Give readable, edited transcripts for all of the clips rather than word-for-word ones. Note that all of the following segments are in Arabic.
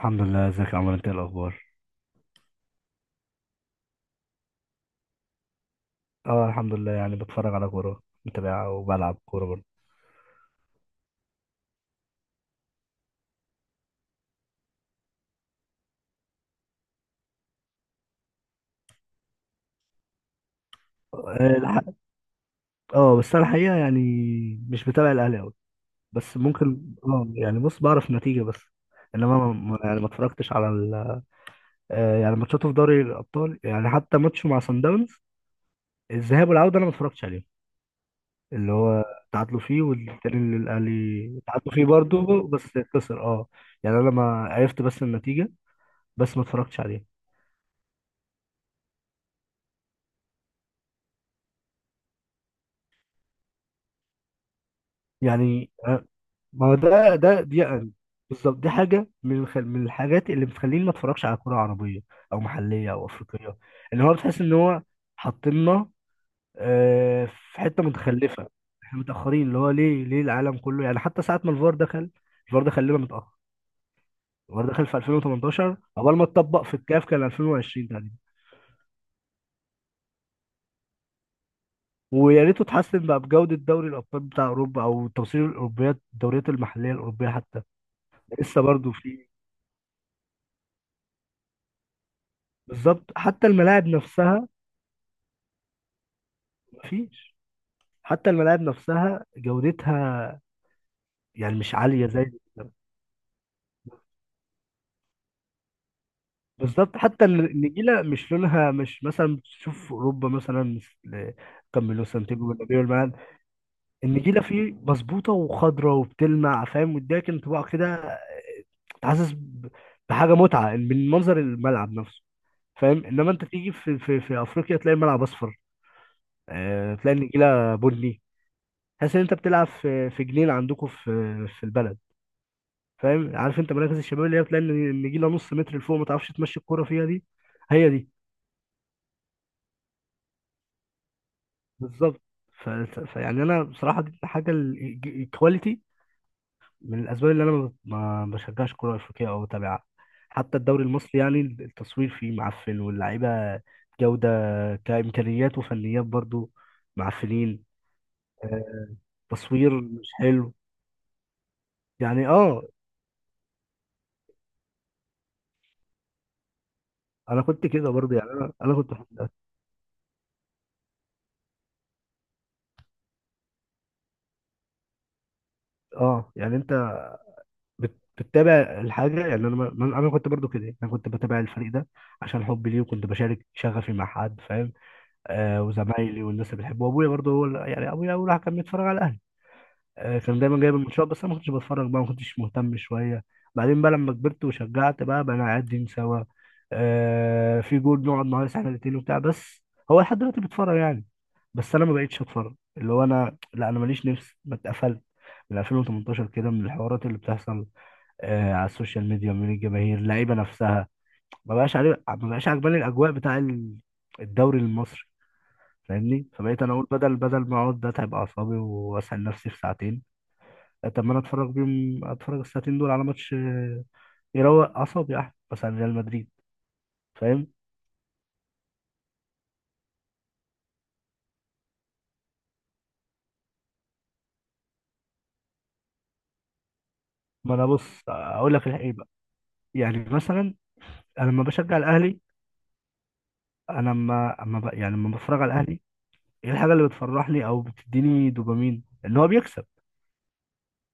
الحمد لله، ازيك يا عمر؟ انت ايه الاخبار؟ اه، الحمد لله. يعني بتفرج على كوره، متابعها، وبلعب كوره برضه. اه الح- آه، بس انا الحقيقه يعني مش متابع الاهلي قوي. بس ممكن، يعني بص، بعرف نتيجه بس. انما يعني ما اتفرجتش على ال... آه يعني ماتشاته في دوري الابطال، يعني حتى ماتشه مع سان داونز، الذهاب والعوده، انا ما اتفرجتش عليهم. اللي هو تعادلوا فيه، والتاني اللي الاهلي تعادلوا فيه برضه، بس خسر. اه، يعني انا ما عرفت بس النتيجه، بس ما اتفرجتش عليه. يعني ما هو ده، بالظبط، دي حاجه من الحاجات اللي بتخليني ما اتفرجش على كوره عربيه او محليه او افريقيه. ان هو بتحس ان هو حاطيننا، في حته متخلفه. احنا متاخرين، اللي هو ليه العالم كله، يعني حتى ساعه ما الفار دخل، الفار دخل لنا متاخر. الفار دخل في 2018، اول ما اتطبق في الكاف كان 2020 تقريبا. ويا ريته اتحسن بقى بجوده دوري الابطال بتاع اوروبا، او توصيل الاوروبيات، الدوريات المحليه الاوروبيه حتى لسه برضو في. بالظبط، حتى الملاعب نفسها. مفيش، حتى الملاعب نفسها جودتها يعني مش عالية زي. بالظبط، حتى النجيلة مش لونها، مش مثلا تشوف أوروبا، مثلا مثل كامبينو، سانتياغو برنابيو، الملاعب، النجيلة فيه مظبوطة وخضرة وبتلمع، فاهم؟ واديك انطباع كده انت حاسس بحاجة متعة من منظر الملعب نفسه، فاهم؟ انما انت تيجي في افريقيا، تلاقي الملعب اصفر، آه، تلاقي النجيلة بني، تحس ان انت بتلعب في جنينة عندكم في في البلد. فاهم، عارف انت مراكز الشباب اللي هي بتلاقي النجيله نص متر لفوق، ما تعرفش تمشي الكوره فيها دي. هي دي بالظبط. ف... ف- فيعني انا بصراحه، دي حاجه الكواليتي، من الاسباب اللي انا ما بشجعش كوره افريقيه او بتابعها. حتى الدوري المصري يعني، التصوير فيه معفن، واللعيبه جوده كامكانيات وفنيات برضو معفنين. آه، تصوير مش حلو. يعني انا كنت كده برضو، يعني انا كنت. اه يعني انت بتتابع الحاجه، يعني انا انا كنت برضو كده، انا كنت بتابع الفريق ده عشان حبي ليه، وكنت بشارك شغفي مع حد، فاهم؟ آه، وزمايلي والناس اللي بحبه، وابويا برضو هو يعني ابويا اول واحد كان بيتفرج على الاهلي. آه، كان دايما جايب الماتشات، بس انا ما كنتش بتفرج بقى، ما كنتش مهتم شويه. بعدين بقى لما كبرت وشجعت بقى قاعدين سوا، آه، في جول نقعد نهيص احنا الاثنين وبتاع، بس هو لحد دلوقتي بيتفرج يعني. بس انا ما بقتش اتفرج اللي هو، انا لا، انا ماليش نفس، ما اتقفلت من 2018 كده من الحوارات اللي بتحصل آه، على السوشيال ميديا من الجماهير اللعيبه نفسها. ما بقاش عليه، ما بقاش عجباني الاجواء بتاع الدوري المصري، فاهمني؟ فبقيت انا اقول، بدل ما اقعد اتعب اعصابي واسال نفسي في ساعتين، طب ما انا اتفرج بيهم، اتفرج الساعتين دول على ماتش آه، يروق اعصابي احسن، مثلا ريال مدريد، فاهم؟ ما انا بص اقول لك الحقيقه بقى، يعني مثلا، انا لما بشجع الاهلي، انا لما يعني لما بتفرج على الاهلي، ايه الحاجه اللي بتفرحني او بتديني دوبامين ان هو بيكسب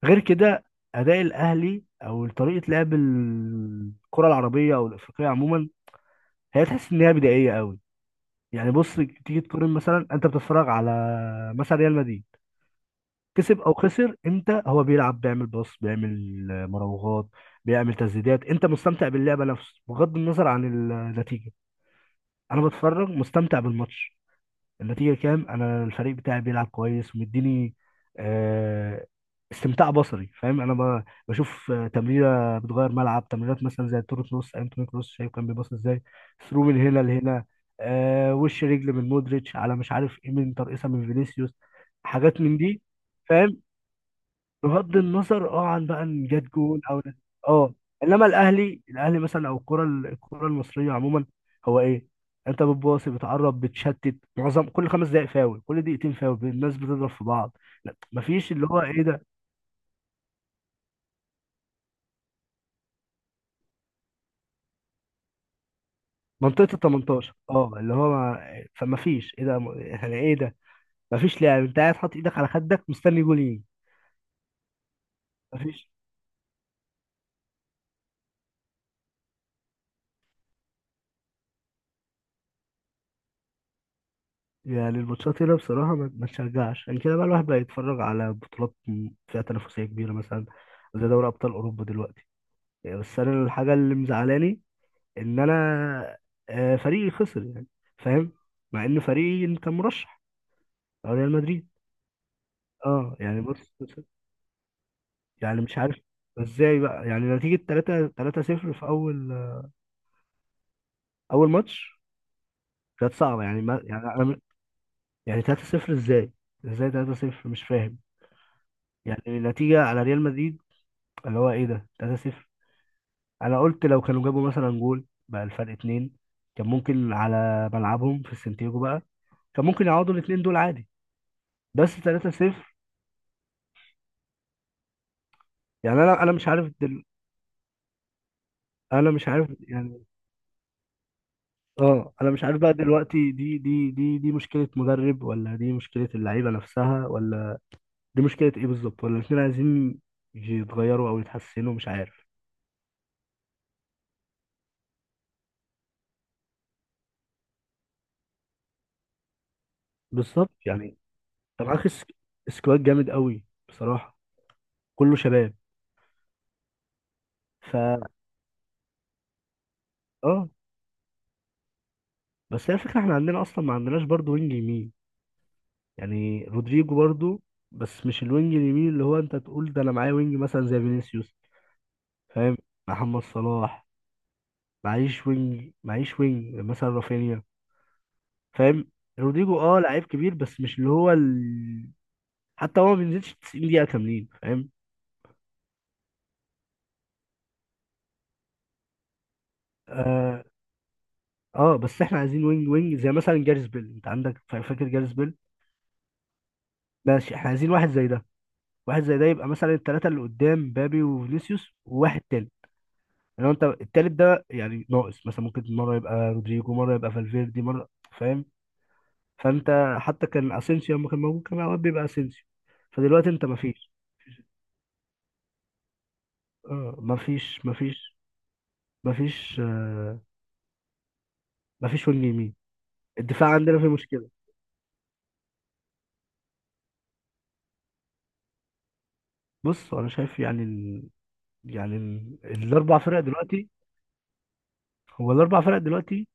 غير كده؟ اداء الاهلي او طريقه لعب الكره العربيه او الافريقيه عموما، هي تحس ان هي بدائيه قوي. يعني بص، تيجي تقارن، مثلا انت بتتفرج على مثلا ريال مدريد، كسب او خسر، انت هو بيلعب، بيعمل باص، بيعمل مراوغات، بيعمل تسديدات، انت مستمتع باللعبه نفسه بغض النظر عن النتيجه. انا بتفرج مستمتع بالماتش، النتيجة كام، انا الفريق بتاعي بيلعب كويس ومديني آه، استمتاع بصري، فاهم؟ انا بشوف آه، تمريرة بتغير ملعب، تمريرات مثلا زي التورو كروس، ايام توني كروس شايف كان بيباص ازاي ثرو من هنا لهنا، آه، وش رجل من مودريتش، على مش عارف ايه، من ترقيصة من فينيسيوس، حاجات من دي، فاهم؟ بغض النظر عن بقى ان جت جون او اه انما الاهلي مثلا، او الكره المصريه عموما، هو ايه؟ انت بتباصي، بتعرب، بتشتت، معظم كل خمس دقائق، فاول كل دقيقتين، فاول الناس بتضرب في بعض، لا، مفيش، اللي هو ايه ده، منطقه ال 18 اه، اللي هو فمفيش، ايه ده؟ يعني ايه ده؟ مفيش لعب، انت قاعد حاطط ايدك على خدك مستني جول يجي، مفيش. يعني الماتشات هنا بصراحة ما تشجعش، يعني كده بقى الواحد بقى يتفرج على بطولات فيها تنافسية كبيرة، مثلا زي دوري أبطال أوروبا دلوقتي. يعني بس أنا الحاجة اللي مزعلاني إن أنا آه، فريقي خسر يعني، فاهم؟ مع إن فريقي كان مرشح، أو ريال مدريد. أه يعني بص، يعني مش عارف إزاي بقى، يعني نتيجة 3 3 0 في أول، أول ماتش كانت صعبة يعني، ما يعني أنا، يعني 3 0 إزاي؟ إزاي 3 0 مش فاهم؟ يعني نتيجة على ريال مدريد، اللي هو ايه ده 3-0. انا قلت لو كانوا جابوا مثلا جول بقى الفرق اتنين، كان ممكن على ملعبهم في السنتيجو بقى، كان ممكن يعوضوا الاتنين دول عادي، بس 3-0. يعني انا مش عارف انا مش عارف يعني، اه، انا مش عارف بقى دلوقتي، دي مشكلة مدرب، ولا دي مشكلة اللعيبة نفسها، ولا دي مشكلة ايه بالظبط، ولا الاتنين عايزين يتغيروا او يتحسنوا، مش عارف. بالظبط يعني، طب معاك سكواد جامد قوي، بصراحة كله شباب. ف اه بس هي الفكرة، احنا عندنا اصلا ما عندناش برضو وينج يمين يعني، رودريجو برضو، بس مش الوينج اليمين اللي هو انت تقول ده، انا معايا وينج مثلا زي فينيسيوس، فاهم؟ محمد صلاح، معيش وينج، معيش وينج مثلا رافينيا، فاهم؟ رودريجو اه لعيب كبير بس مش اللي هو حتى هو ما بينزلش 90 دقيقة كاملين، فاهم؟ اه, بس احنا عايزين وينج، وينج زي مثلا جاريس بيل، انت عندك فاكر جاريس بيل؟ ماشي، احنا عايزين واحد زي ده، واحد زي ده يبقى مثلا الثلاثة اللي قدام، بابي وفينيسيوس وواحد تاني، لو انت التالت ده يعني ناقص مثلا، ممكن مره يبقى رودريجو، مره يبقى فالفيردي، مره، فاهم؟ فانت حتى كان اسينسيو لما كان موجود كان اوقات بيبقى اسينسيو، فدلوقتي انت مفيش، اه مفيش مفيش مفيش آه مفيش وينج يمين. الدفاع عندنا فيه مشكله. بص انا شايف يعني الاربع فرق دلوقتي، هو الاربع فرق دلوقتي،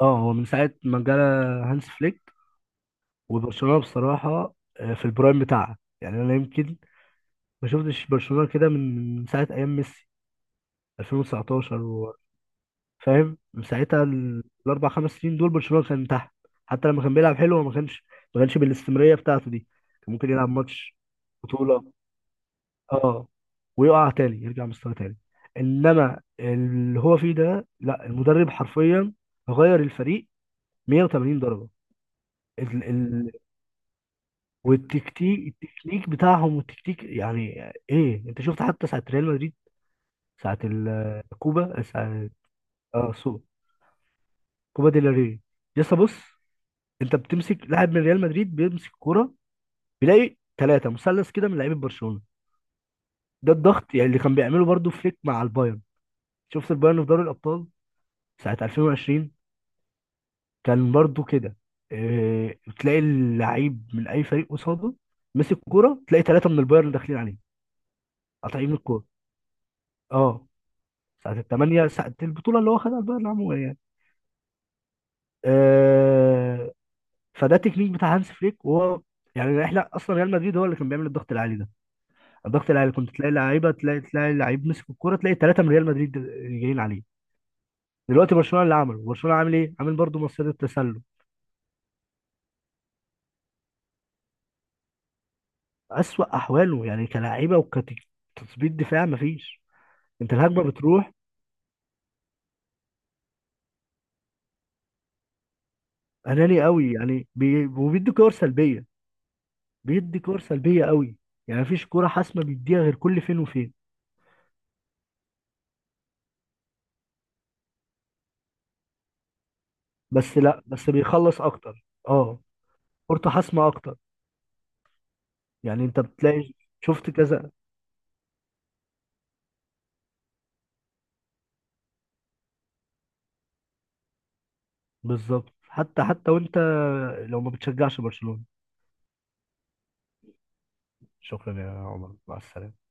اه هو من ساعه ما جالا هانس فليك وبرشلونه بصراحه آه، في البرايم بتاعها، يعني انا يمكن ما شفتش برشلونه كده من ساعه ايام ميسي 2019 و... فاهم؟ من ساعتها الاربع خمس سنين دول برشلونه كان تحت، حتى لما كان بيلعب حلو هو ما كانش بالاستمراريه بتاعته دي، كان ممكن يلعب ماتش بطوله اه، ويقع تاني، يرجع مستوى تاني. انما اللي هو فيه ده لا، المدرب حرفيا غير الفريق 180 درجه، ال... ال... والتكتيك، التكنيك بتاعهم والتكتيك يعني ايه، انت شفت حتى ساعه ريال مدريد، ساعه الكوبا، ساعه اه سو كوبا ديل ري لسه، بص، انت بتمسك لاعب من ريال مدريد بيمسك كوره بيلاقي ثلاثه، مثلث كده من لعيبه برشلونه، ده الضغط يعني اللي كان بيعمله برضو فليك مع البايرن، شفت البايرن في دوري الابطال ساعه 2020 كان برضو كده، اه، تلاقي اللعيب من اي فريق قصاده مسك كوره، تلاقي ثلاثه من البايرن داخلين عليه، قاطعين الكوره، اه، ساعه الثمانيه، ساعه البطوله اللي هو خدها البايرن عموما يعني اه، فده تكنيك بتاع هانس فليك، وهو يعني احنا اصلا ريال مدريد هو اللي كان بيعمل الضغط العالي ده، ضغط العيال كنت تلاقي لعيبه، تلاقي لعيب مسك الكوره تلاقي ثلاثه من ريال مدريد جايين عليه، دلوقتي برشلونه اللي عمله برشلونه عامل ايه؟ عامل برضه مصيدة التسلل. اسوأ احواله يعني كلاعيبه وكتثبيت دفاع مفيش، انت الهجمه بتروح، اناني قوي يعني وبيدي كور سلبيه، بيدي كور سلبيه قوي يعني، مفيش كوره حاسمه بيديها غير كل فين وفين، بس لا بس بيخلص اكتر اه، كورته حاسمه اكتر، يعني انت بتلاقي، شفت كذا، بالظبط، حتى وانت لو ما بتشجعش برشلونه. شكرا يا عمر، مع السلامة.